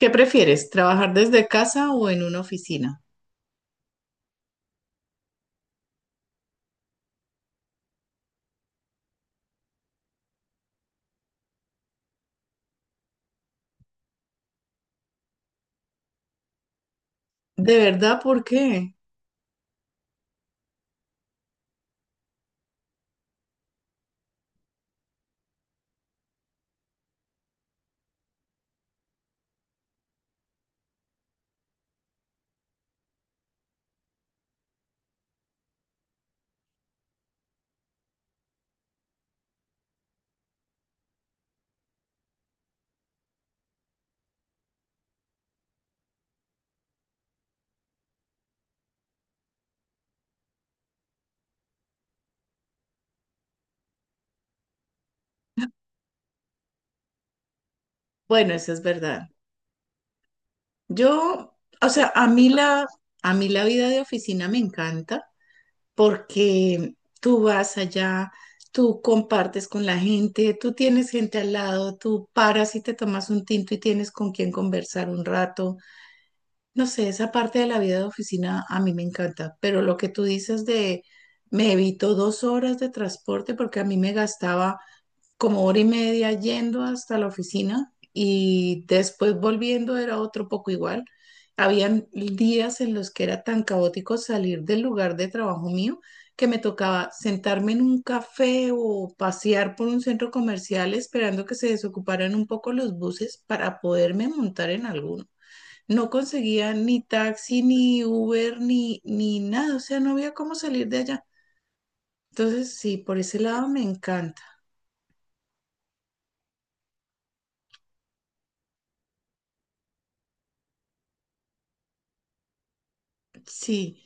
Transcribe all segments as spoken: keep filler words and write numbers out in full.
¿Qué prefieres, trabajar desde casa o en una oficina? ¿De verdad por qué? Bueno, eso es verdad. Yo, o sea, a mí la, a mí la vida de oficina me encanta porque tú vas allá, tú compartes con la gente, tú tienes gente al lado, tú paras y te tomas un tinto y tienes con quien conversar un rato. No sé, esa parte de la vida de oficina a mí me encanta, pero lo que tú dices de me evito dos horas de transporte porque a mí me gastaba como hora y media yendo hasta la oficina y después volviendo era otro poco igual. Habían días en los que era tan caótico salir del lugar de trabajo mío que me tocaba sentarme en un café o pasear por un centro comercial esperando que se desocuparan un poco los buses para poderme montar en alguno. No conseguía ni taxi, ni Uber, ni, ni nada, o sea, no había cómo salir de allá. Entonces, sí, por ese lado me encanta. Sí.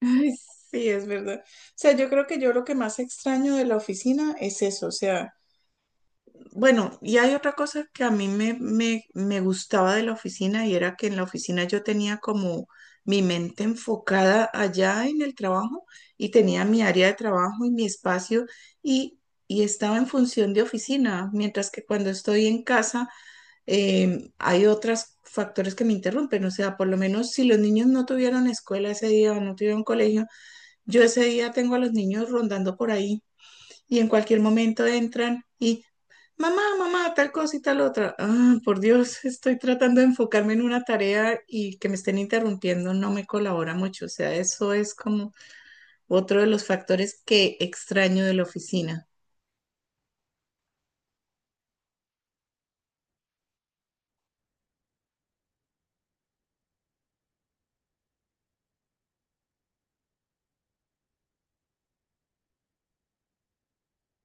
Ay, sí, es verdad. O sea, yo creo que yo lo que más extraño de la oficina es eso. O sea, bueno, y hay otra cosa que a mí me, me, me gustaba de la oficina y era que en la oficina yo tenía como mi mente enfocada allá en el trabajo y tenía mi área de trabajo y mi espacio y, y estaba en función de oficina, mientras que cuando estoy en casa em, hay otros factores que me interrumpen. O sea, por lo menos si los niños no tuvieron escuela ese día o no tuvieron colegio, yo ese día tengo a los niños rondando por ahí y en cualquier momento entran y, mamá, mamá, tal cosa y tal otra. Ah, por Dios, estoy tratando de enfocarme en una tarea y que me estén interrumpiendo no me colabora mucho. O sea, eso es como otro de los factores que extraño de la oficina.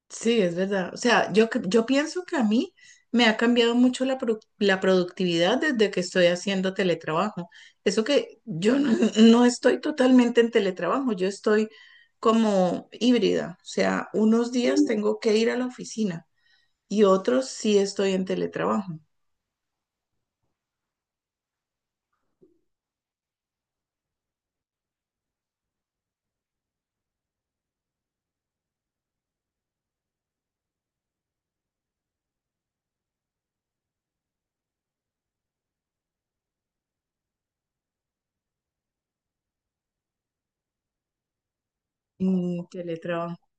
Sí, es verdad. O sea, yo, cre- yo pienso que a mí me ha cambiado mucho la, produ- la productividad desde que estoy haciendo teletrabajo. Eso que yo no, no estoy totalmente en teletrabajo, yo estoy como híbrida. O sea, unos días tengo que ir a la oficina y otros sí estoy en teletrabajo. En teletrabajo.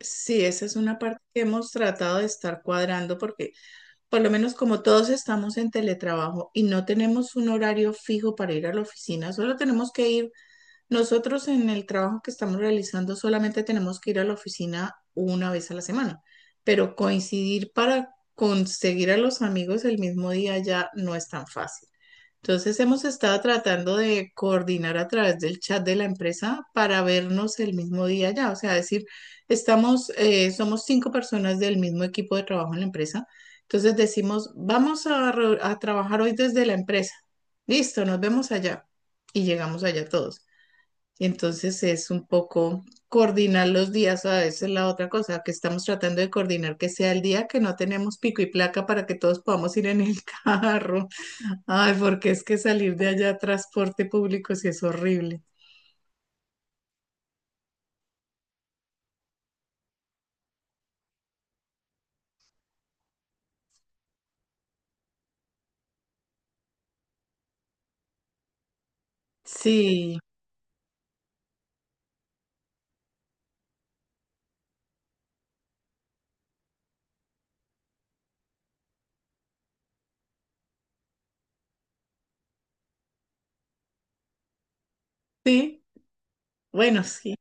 Sí, esa es una parte que hemos tratado de estar cuadrando porque por lo menos como todos estamos en teletrabajo y no tenemos un horario fijo para ir a la oficina, solo tenemos que ir, nosotros en el trabajo que estamos realizando solamente tenemos que ir a la oficina una vez a la semana, pero coincidir para conseguir a los amigos el mismo día ya no es tan fácil. Entonces hemos estado tratando de coordinar a través del chat de la empresa para vernos el mismo día ya, o sea, decir, estamos, eh, somos cinco personas del mismo equipo de trabajo en la empresa, entonces decimos, vamos a, re- a trabajar hoy desde la empresa, listo, nos vemos allá y llegamos allá todos. Entonces es un poco coordinar los días, a veces la otra cosa que estamos tratando de coordinar que sea el día que no tenemos pico y placa para que todos podamos ir en el carro. Ay, porque es que salir de allá a transporte público sí es horrible. Sí, sí, bueno, sí,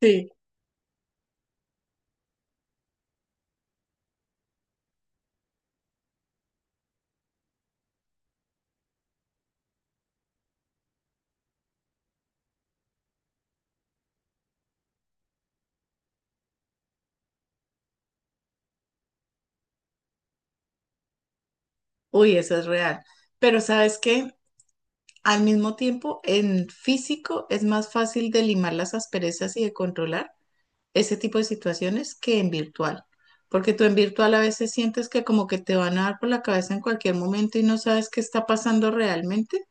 sí. Uy, eso es real. Pero ¿sabes qué? Al mismo tiempo, en físico es más fácil de limar las asperezas y de controlar ese tipo de situaciones que en virtual. Porque tú en virtual a veces sientes que como que te van a dar por la cabeza en cualquier momento y no sabes qué está pasando realmente.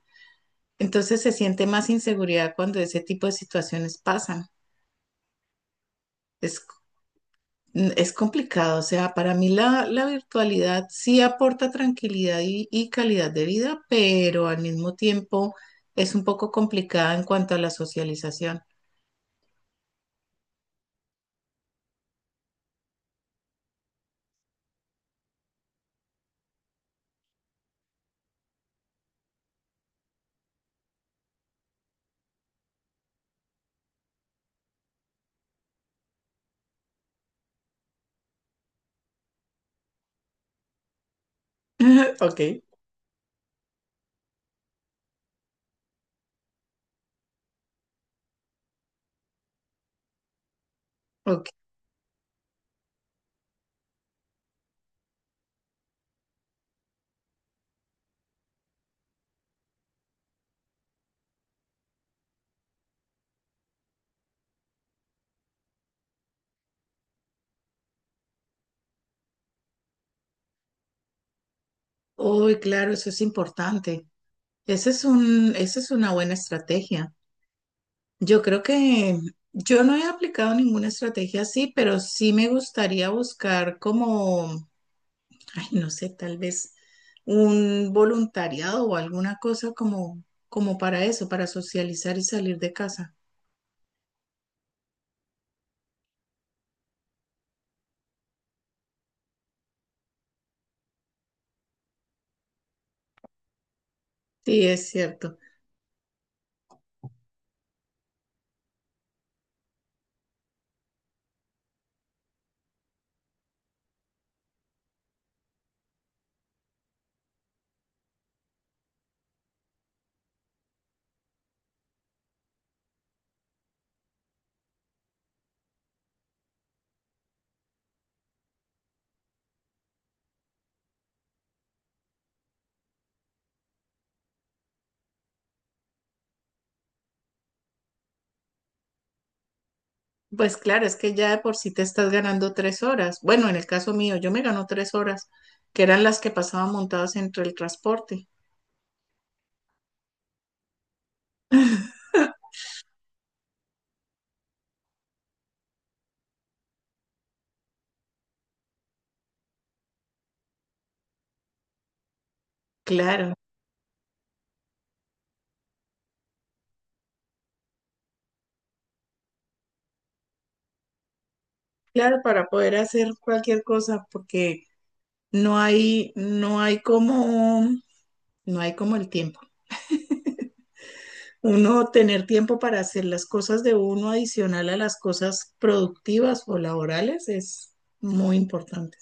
Entonces se siente más inseguridad cuando ese tipo de situaciones pasan. Es, es complicado, o sea, para mí la, la virtualidad sí aporta tranquilidad y, y calidad de vida, pero al mismo tiempo es un poco complicada en cuanto a la socialización. Ok, ok. Uy, claro, eso es importante. Ese es un, esa es una buena estrategia. Yo creo que yo no he aplicado ninguna estrategia así, pero sí me gustaría buscar como, ay, no sé, tal vez un voluntariado o alguna cosa como, como para eso, para socializar y salir de casa. Sí, es cierto. Pues claro, es que ya de por sí te estás ganando tres horas. Bueno, en el caso mío, yo me gano tres horas, que eran las que pasaba montadas entre el transporte. Claro, claro, para poder hacer cualquier cosa, porque no hay, no hay como, no hay como el tiempo. Uno tener tiempo para hacer las cosas de uno adicional a las cosas productivas o laborales es muy importante.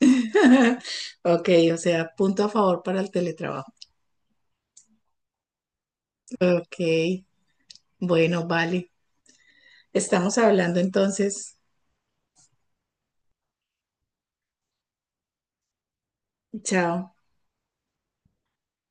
Ok, o sea, punto a favor para el teletrabajo. Ok, bueno, vale. Estamos hablando entonces. Chao.